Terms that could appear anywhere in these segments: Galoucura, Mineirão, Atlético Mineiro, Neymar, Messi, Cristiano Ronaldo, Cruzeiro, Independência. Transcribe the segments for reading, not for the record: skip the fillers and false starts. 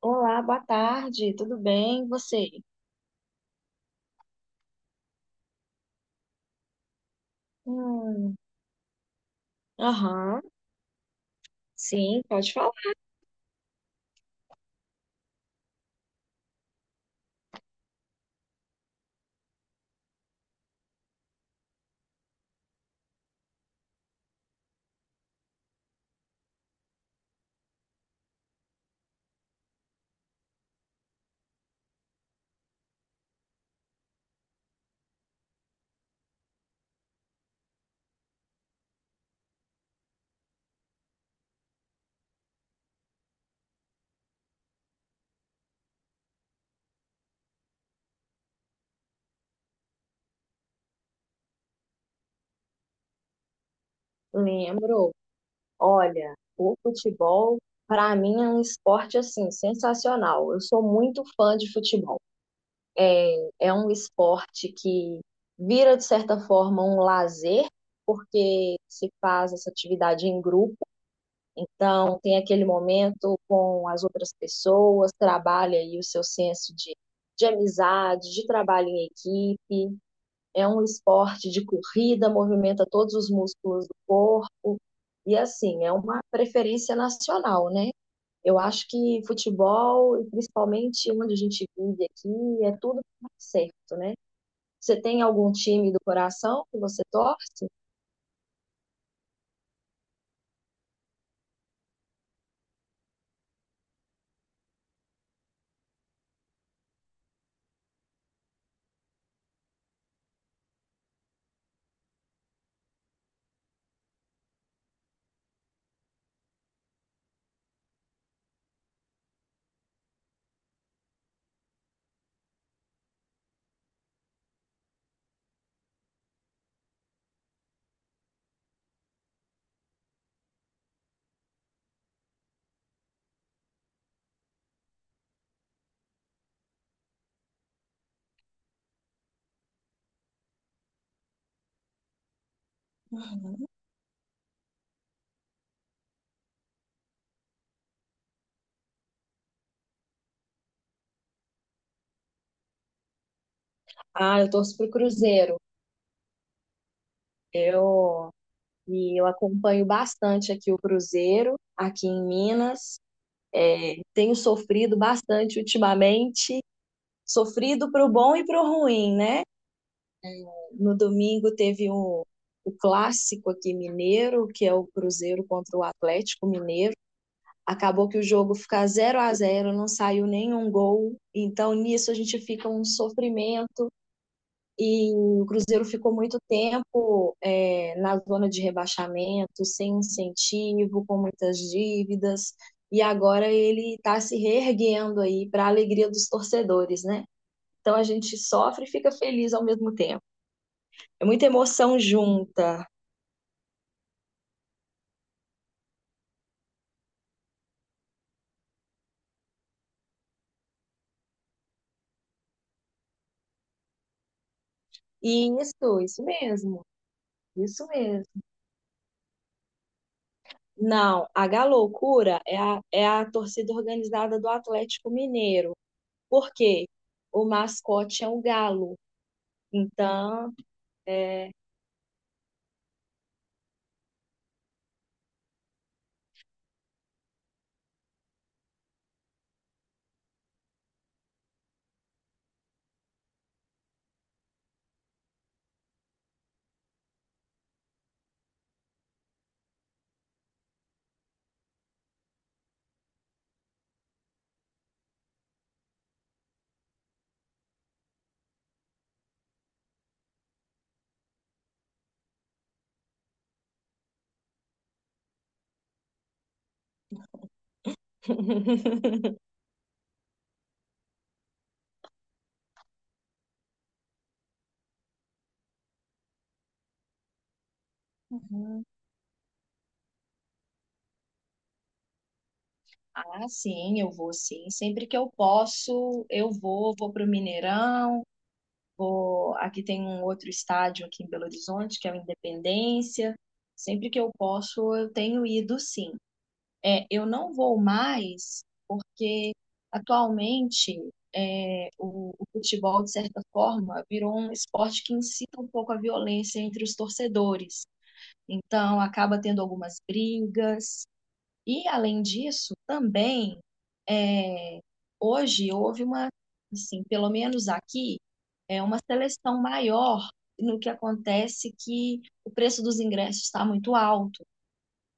Olá, boa tarde, tudo bem? E você? Hum, aham, sim, pode falar. Lembro. Olha, o futebol, para mim, é um esporte assim sensacional. Eu sou muito fã de futebol. É um esporte que vira, de certa forma, um lazer, porque se faz essa atividade em grupo. Então, tem aquele momento com as outras pessoas, trabalha aí o seu senso de amizade, de trabalho em equipe. É um esporte de corrida, movimenta todos os músculos do corpo. E assim, é uma preferência nacional, né? Eu acho que futebol, e principalmente onde a gente vive aqui, é tudo certo, né? Você tem algum time do coração que você torce? Ah, eu torço pro Cruzeiro. Eu e eu acompanho bastante aqui o Cruzeiro, aqui em Minas. É, tenho sofrido bastante ultimamente, sofrido pro bom e pro ruim, né? No domingo teve o clássico aqui mineiro, que é o Cruzeiro contra o Atlético Mineiro. Acabou que o jogo fica zero a zero, não saiu nenhum gol. Então nisso a gente fica um sofrimento e o Cruzeiro ficou muito tempo na zona de rebaixamento, sem incentivo, com muitas dívidas. E agora ele está se reerguendo aí para a alegria dos torcedores, né? Então a gente sofre e fica feliz ao mesmo tempo. É muita emoção junta. Isso mesmo, isso mesmo. Não, a Galoucura é a, é a torcida organizada do Atlético Mineiro. Por quê? O mascote é o galo. Então, é... Uhum. Ah, sim, eu vou sim. Sempre que eu posso, eu vou, vou para o Mineirão, vou. Aqui tem um outro estádio aqui em Belo Horizonte, que é o Independência. Sempre que eu posso, eu tenho ido sim. É, eu não vou mais porque atualmente o futebol, de certa forma, virou um esporte que incita um pouco a violência entre os torcedores. Então, acaba tendo algumas brigas. E, além disso, também, é, hoje houve assim, pelo menos aqui, é uma seleção maior no que acontece que o preço dos ingressos está muito alto.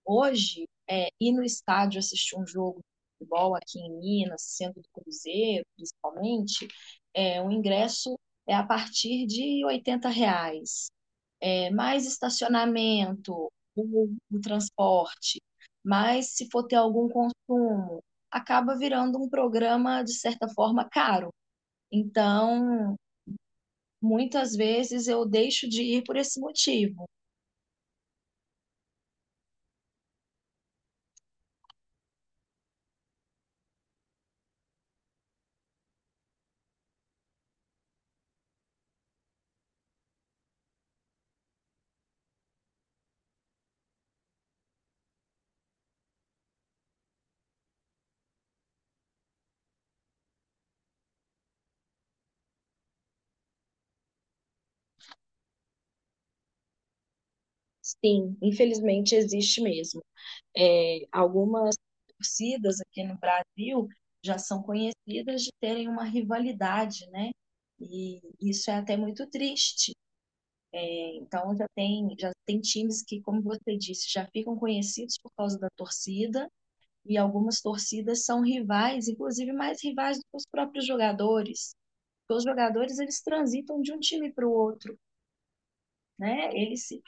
Hoje, ir no estádio assistir um jogo de futebol aqui em Minas, sendo do Cruzeiro, principalmente, o ingresso é a partir de R$ 80. Mais estacionamento, o transporte, mas se for ter algum consumo, acaba virando um programa, de certa forma, caro. Então, muitas vezes eu deixo de ir por esse motivo. Sim, infelizmente existe mesmo. É, algumas torcidas aqui no Brasil já são conhecidas de terem uma rivalidade, né? E isso é até muito triste. Então já tem times que, como você disse, já ficam conhecidos por causa da torcida, e algumas torcidas são rivais, inclusive mais rivais do que os próprios jogadores. Porque os jogadores eles transitam de um time para o outro, né? Eles se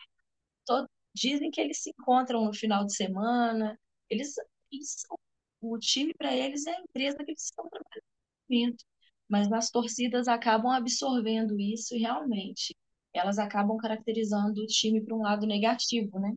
to- dizem que eles se encontram no final de semana. Eles, eles são- o time para eles é a empresa que eles estão trabalhando. Mas as torcidas acabam absorvendo isso e realmente elas acabam caracterizando o time para um lado negativo, né?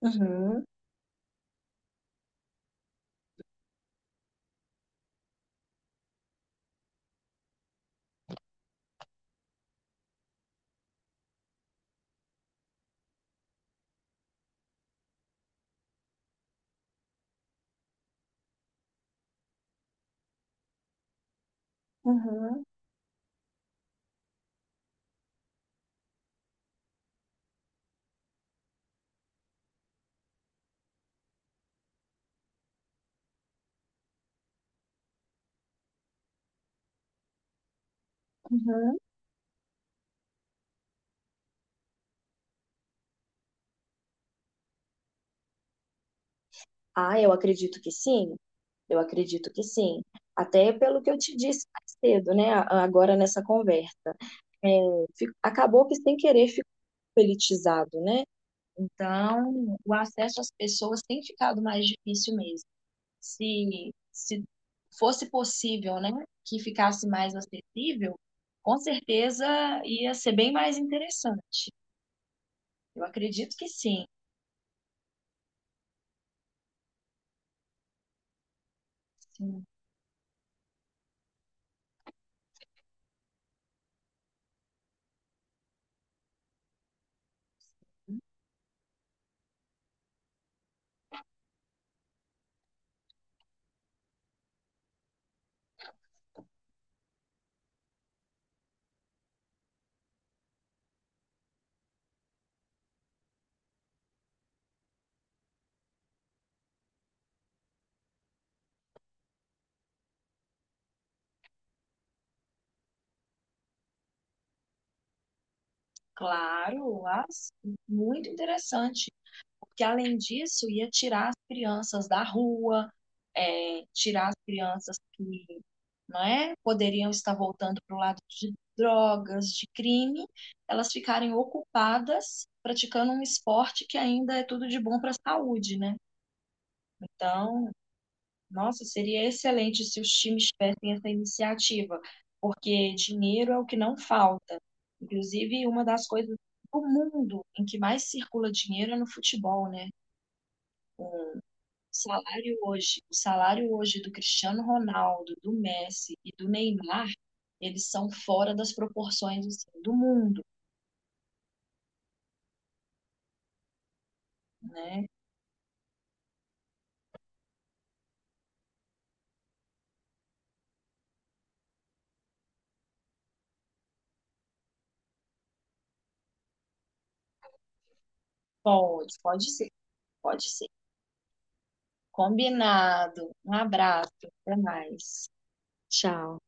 Uhum, uhum, uhum. Ah, eu acredito que sim, eu acredito que sim. Até pelo que eu te disse mais cedo, né? Agora nessa conversa. É, Acabou que sem querer ficou politizado, né? Então, o acesso às pessoas tem ficado mais difícil mesmo. Se fosse possível, né, que ficasse mais acessível, com certeza ia ser bem mais interessante. Eu acredito que sim. Sim, claro, mas muito interessante. Porque além disso ia tirar as crianças da rua, é, tirar as crianças que não é, poderiam estar voltando para o lado de drogas, de crime, elas ficarem ocupadas praticando um esporte que ainda é tudo de bom para a saúde, né? Então, nossa, seria excelente se os times tivessem essa iniciativa, porque dinheiro é o que não falta. Inclusive, uma das coisas do mundo em que mais circula dinheiro é no futebol, né? Com o salário hoje do Cristiano Ronaldo, do Messi e do Neymar, eles são fora das proporções assim, do mundo, né? Pode, pode ser, pode ser. Combinado. Um abraço, até mais. Tchau.